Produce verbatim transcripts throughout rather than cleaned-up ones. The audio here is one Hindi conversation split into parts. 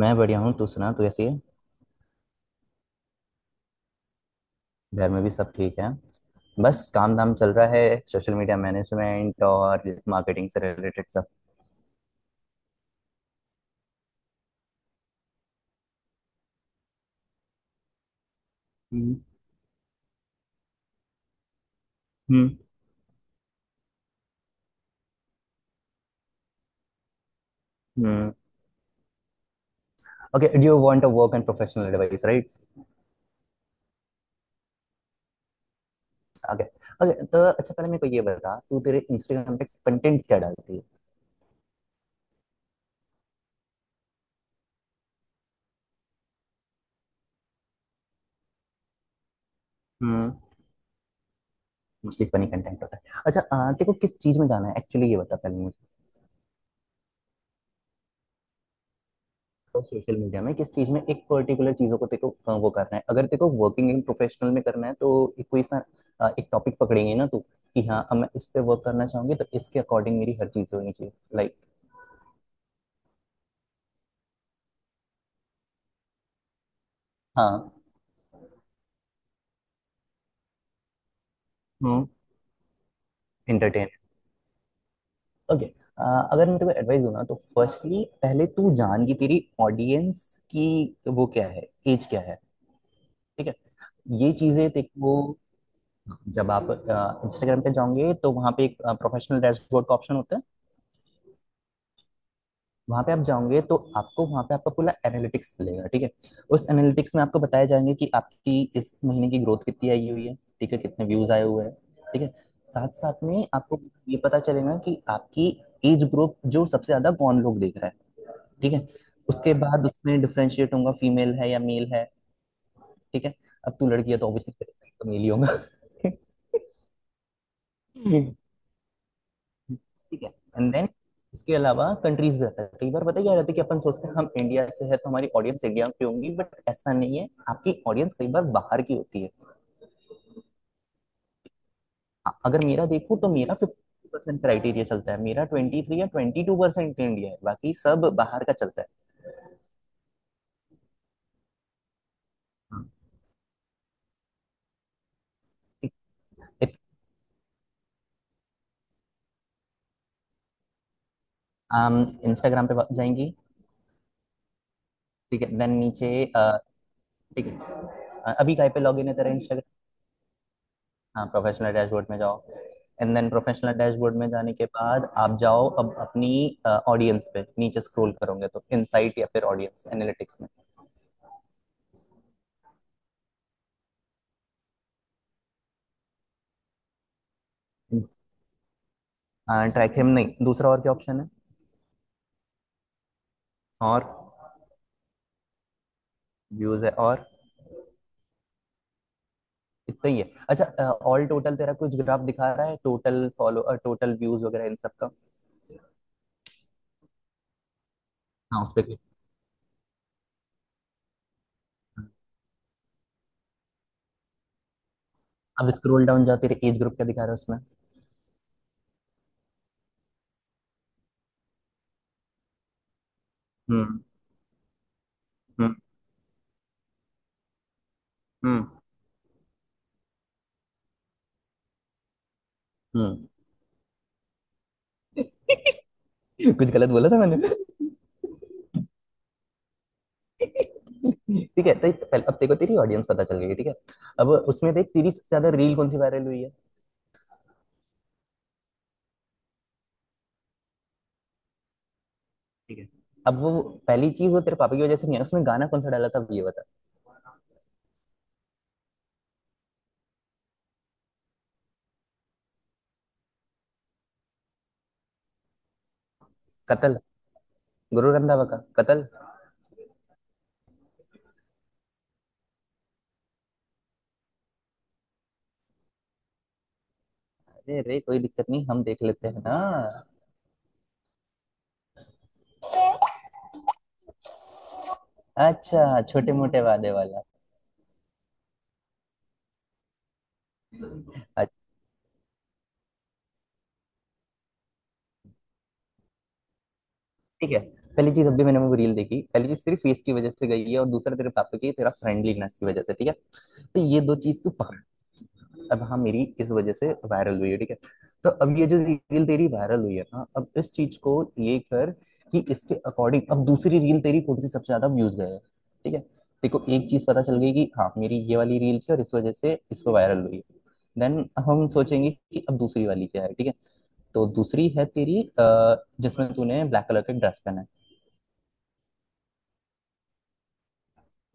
मैं बढ़िया हूँ। तू सुना? तू कैसी है? घर में भी सब ठीक है। बस काम धाम चल रहा है, सोशल मीडिया मैनेजमेंट और मार्केटिंग से रिलेटेड सब। Hmm. Hmm. Hmm. Okay, do you want a work and professional advice, right? Okay. Okay तो अच्छा, पहले मेरे को ये बता, तू तेरे इंस्टाग्राम पे कंटेंट क्या डालती है? हम्म। मोस्टली फनी कंटेंट होता है। अच्छा, आ, तेरे को किस चीज में जाना है एक्चुअली, ये बता पहले। तो सोशल मीडिया में किस चीज में एक पर्टिकुलर चीजों को तेको अ, वो करना है, अगर तेको वर्किंग इन प्रोफेशनल में करना है तो। एक कोई सा। अ, एक टॉपिक पकड़ेंगे ना तू, कि हाँ अब मैं इस पे वर्क करना चाहूंगी, तो इसके अकॉर्डिंग मेरी हर चीज होनी चाहिए। लाइक। हाँ। हम्म। एंटरटेन। ओके। अगर मैं तुम्हें एडवाइस दूँ ना, तो फर्स्टली पहले तू जान कि तेरी ऑडियंस की वो क्या है, एज क्या है। ठीक है। ये चीजें देखो। जब आप इंस्टाग्राम पे जाओगे तो वहाँ पे एक प्रोफेशनल डैशबोर्ड का ऑप्शन होता है। वहां पे आप जाओगे तो आपको वहां पे आपका पूरा एनालिटिक्स मिलेगा, ठीक है। उस एनालिटिक्स में आपको बताया जाएंगे कि आपकी इस महीने की ग्रोथ कितनी आई हुई है, ठीक है, कितने व्यूज आए हुए हैं। ठीक है। साथ साथ में आपको ये पता चलेगा कि आपकी एज ग्रुप जो सबसे ज्यादा कौन लोग देख रहा है। ठीक है। उसके बाद उसमें डिफ्रेंशिएट होगा, फीमेल है या मेल है। ठीक है। अब तू लड़की है तो ऑब्वियसली, तो मेल ही होगा। ठीक है, एंड देन इसके अलावा कंट्रीज भी रहता है। कई बार पता है क्या रहता है, कि अपन सोचते हैं हम इंडिया से है तो हमारी ऑडियंस इंडिया की होंगी, बट ऐसा नहीं है, आपकी ऑडियंस कई बार बाहर की होती है। अ- अगर मेरा देखूं तो मेरा फिफ्टी परसेंट क्राइटेरिया चलता है, मेरा ट्वेंटी थ्री या ट्वेंटी टू परसेंट इंडिया है, बाकी सब बाहर का चलता है। हाँ। ठीक है। हम इंस्टाग्राम पे जाएंगी। ठीक है, देन नीचे। अ, ठीक है। अ, अभी काय पे लॉग इन है तेरा इंस्टाग्राम? हाँ, प्रोफेशनल डैशबोर्ड में जाओ। एंड देन प्रोफेशनल डैशबोर्ड में जाने के बाद आप जाओ अब अपनी ऑडियंस uh, पे नीचे स्क्रॉल करोगे तो इनसाइट या फिर ऑडियंस एनालिटिक्स में। ट्रैकिंग uh, नहीं? दूसरा और क्या ऑप्शन है? और व्यूज है। और? इतना ही है? अच्छा। ऑल uh, टोटल तेरा कुछ ग्राफ दिखा रहा है, टोटल फॉलो टोटल व्यूज वगैरह इन सब का। हाँ, उस पे क्लिक। अब स्क्रॉल डाउन जाओ, तेरे एज ग्रुप क्या दिखा रहा है उसमें? हम्म, हम्म, हम्म, हम्म। कुछ गलत बोला था मैंने? ठीक है तो पहले अब तेरे को तेरी ऑडियंस पता चल गई है, ठीक है। अब उसमें देख, तेरी सबसे ज्यादा रील कौन सी वायरल हुई है? ठीक है। अब वो पहली चीज, वो तेरे पापा की वजह से नहीं है, उसमें गाना कौन सा डाला था, अब ये बता। कतल? गुरु रंधावा का कतल। अरे रे, कोई दिक्कत नहीं, हम देख लेते हैं ना। अच्छा, छोटे मोटे वादे वाला। अच्छा, ठीक है। पहली चीज, अभी मैंने वो रील देखी, पहली चीज तेरी फेस की वजह से गई है और दूसरा तेरे पापा की, तेरा फ्रेंडलीनेस की वजह से, ठीक है। तो ये दो चीज तू पकड़। अब हाँ, मेरी इस वजह से वायरल हुई है, ठीक है। तो अब ये जो रील तेरी वायरल हुई है ना, अब इस चीज को ये कर कि इसके अकॉर्डिंग अब दूसरी रील तेरी कौन सी सबसे ज्यादा व्यूज गए हैं, ठीक है। देखो, एक चीज पता चल गई कि हाँ मेरी ये वाली रील थी और इस वजह से इस पर वायरल हुई। देन अब हम सोचेंगे कि अब दूसरी वाली क्या है, ठीक है। तो दूसरी है तेरी, अ, जिसमें तूने ब्लैक कलर का ड्रेस पहना है।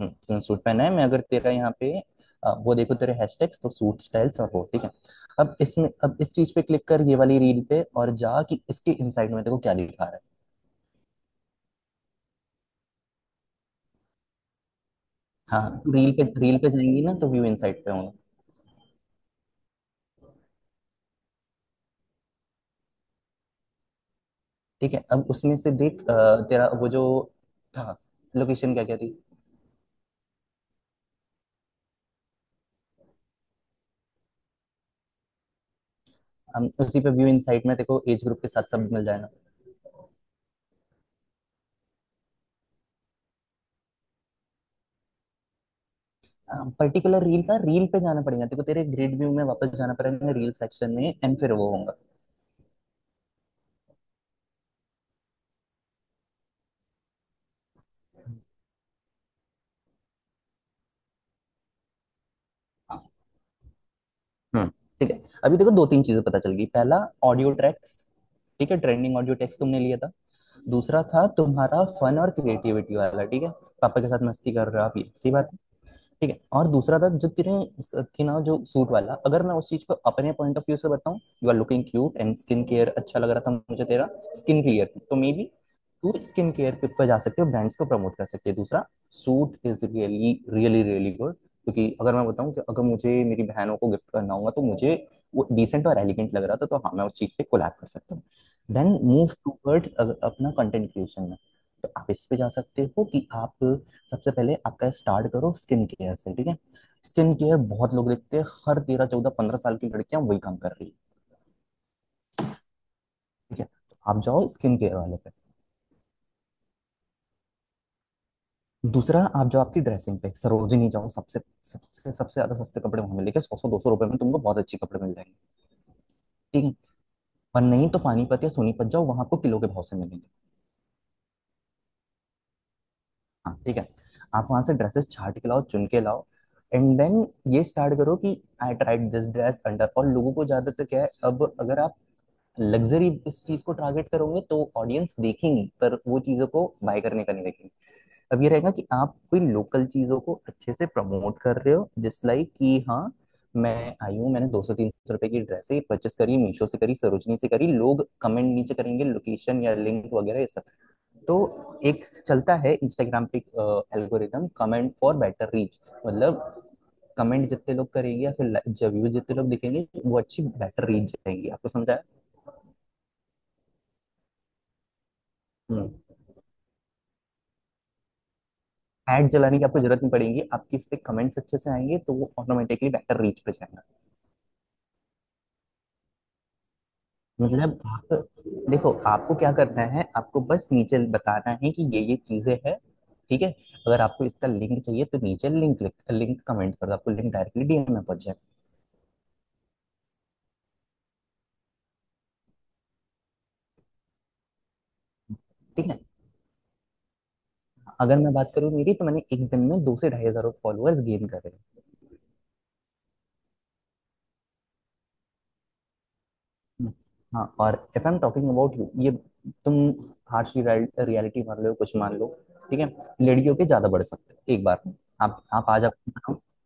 हम्म सूट पहना है। मैं अगर तेरा यहाँ पे अ, वो देखो तेरे हैशटैग्स तो सूट स्टाइल्स और वो, ठीक है। अब इसमें, अब इस चीज पे क्लिक कर ये वाली रील पे और जा कि इसके इनसाइड में देखो क्या लिखा रहा है। हाँ, तू रील पे रील पे जाएंगी ना तो व्यू इनसाइड पे होगा। ठीक है। अब उसमें से देख, अ, तेरा वो जो था, लोकेशन क्या क्या थी? हम उसी पे व्यू इनसाइड में देखो, एज ग्रुप के साथ सब मिल जाएगा। पर्टिकुलर रील का, रील पे जाना पड़ेगा, देखो तेरे ग्रिड व्यू में वापस जाना पड़ेगा रील सेक्शन में, एंड फिर वो होगा। हम्म। ठीक है। अभी देखो दो तीन चीजें पता चल गई। पहला, ऑडियो ट्रैक्स, ठीक है। ट्रेंडिंग ऑडियो ट्रैक्स तुमने लिया था। दूसरा था तुम्हारा फन और क्रिएटिविटी वाला, ठीक है। पापा के साथ मस्ती कर रहे हो आप, ये सही बात है। ठीक है, और दूसरा था जो तेरे स- थी ना, जो सूट वाला, अगर मैं उस चीज को अपने पॉइंट ऑफ व्यू से बताऊं, you are looking cute and skin care अच्छा लग रहा था मुझे तेरा। स्किन क्लियर थी तो मे बी तू स्किन केयर पे पे जा सकते हो, ब्रांड्स को प्रमोट कर सकते हो। दूसरा, suit is really really really good, क्योंकि अगर मैं बताऊं कि अगर मुझे मेरी बहनों को गिफ्ट करना होगा तो मुझे वो डिसेंट और एलिगेंट लग रहा था, तो हाँ मैं उस चीज पे कोलैब कर सकता हूँ। देन मूव टूवर्ड्स अपना कंटेंट क्रिएशन में। तो आप इस पे जा सकते हो कि आप सबसे पहले आपका स्टार्ट करो स्किन केयर से, ठीक है। स्किन केयर बहुत लोग देखते हैं, हर तेरह चौदह पंद्रह साल की लड़कियां वही काम कर रही है। ठीक है। तो आप जाओ स्किन केयर वाले पे। दूसरा, आप जाओ आपकी ड्रेसिंग पे, सरोजिनी जाओ, सबसे सबसे सबसे ज्यादा सस्ते कपड़े वहां मिलेंगे, सौ सौ दो सौ रुपए में तुमको बहुत अच्छे कपड़े मिल जाएंगे। ठीक है। पर नहीं तो पानीपत या सोनीपत जाओ, वहां आपको किलो के भाव से मिलेंगे। हाँ, ठीक है। आप वहां से ड्रेसेस छाट के लाओ, चुन के लाओ। एंड देन ये स्टार्ट करो कि I tried this dress under, और लोगों को ज्यादातर क्या है, अब अगर आप लग्जरी इस चीज को टारगेट करोगे तो ऑडियंस देखेंगी पर वो चीजों को बाय करने का नहीं देखेंगे। अब ये रहेगा कि आप कोई लोकल चीजों को अच्छे से प्रमोट कर रहे हो, जिस लाइक कि हाँ मैं आई हूँ, मैंने दो सौ तीन सौ रुपए की ड्रेस ही परचेस करी, मीशो से करी, सरोजनी से करी, लोग कमेंट नीचे करेंगे लोकेशन या लिंक वगैरह ये सब। तो एक चलता है इंस्टाग्राम पे, algorithm, comment for better reach, मतलब कमेंट जितने लोग करेंगे या फिर व्यूज जितने लोग दिखेंगे, वो अच्छी बेटर रीच जाएंगी, आपको समझाया? ऐड जलाने की आपको जरूरत नहीं पड़ेगी, आपकी इस पे कमेंट्स अच्छे से आएंगे तो वो ऑटोमेटिकली बेटर रीच पे जाएगा। मतलब आप देखो, आपको क्या करना है, आपको बस नीचे बताना है कि ये ये चीजें हैं, ठीक है। अगर आपको इसका लिंक चाहिए तो नीचे लिंक, लिंक कमेंट कर दो, आपको लिंक डायरेक्टली डी एम में पहुंच जाएगा। ठीक है। अगर मैं बात करूँ मेरी, तो मैंने एक दिन में दो से ढाई हजार फॉलोअर्स गेन करे। हाँ, और if I am talking about you, ये तुम, हार्श रियलिटी मान लो, कुछ मान लो, ठीक है। लड़कियों के ज्यादा बढ़ सकते हैं एक बार में। आप आप आज अकाउंट बनाओ।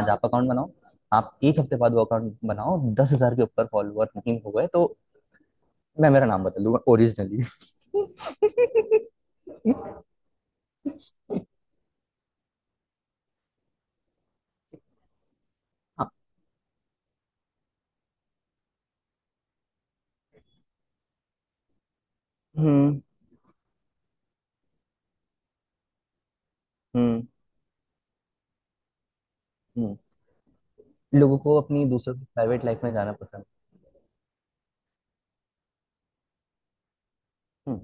आज आप अकाउंट बनाओ। आप एक हफ्ते बाद वो अकाउंट बनाओ, दस हजार के ऊपर फॉलोअर नहीं हो गए तो मैं मेरा नाम बदल दूंगा ओरिजिनली। हाँ। हम्म, हम्म, हम्म। लोगों को अपनी दूसरों की प्राइवेट लाइफ में जाना पसंद है। हम्म।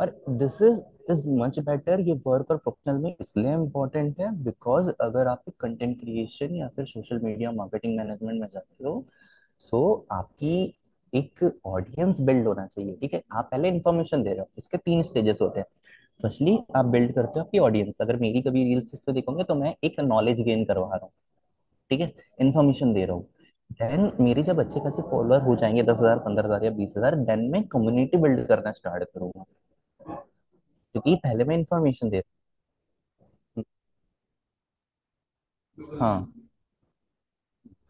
और this is is much better, ये वर्क और प्रोफेशनल में इसलिए इम्पोर्टेंट है बिकॉज अगर आप कंटेंट क्रिएशन या फिर सोशल मीडिया मार्केटिंग मैनेजमेंट में जाते हो। सो so आपकी एक ऑडियंस बिल्ड होना चाहिए, ठीक है। आप पहले इन्फॉर्मेशन दे रहे हो, इसके तीन स्टेजेस होते हैं। फर्स्टली आप बिल्ड करते हो आपकी ऑडियंस, अगर मेरी कभी रील्स पे देखोगे तो मैं एक नॉलेज गेन करवा रहा हूँ, ठीक है। इन्फॉर्मेशन दे रहा हूँ। देन मेरे जब अच्छे खासे फॉलोअर हो जाएंगे, दस हजार पंद्रह हजार या बीस हजार, देन मैं कम्युनिटी बिल्ड करना स्टार्ट करूंगा, क्योंकि पहले मैं इन्फॉर्मेशन दे। हाँ,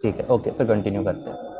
ठीक है, ओके फिर कंटिन्यू करते हैं।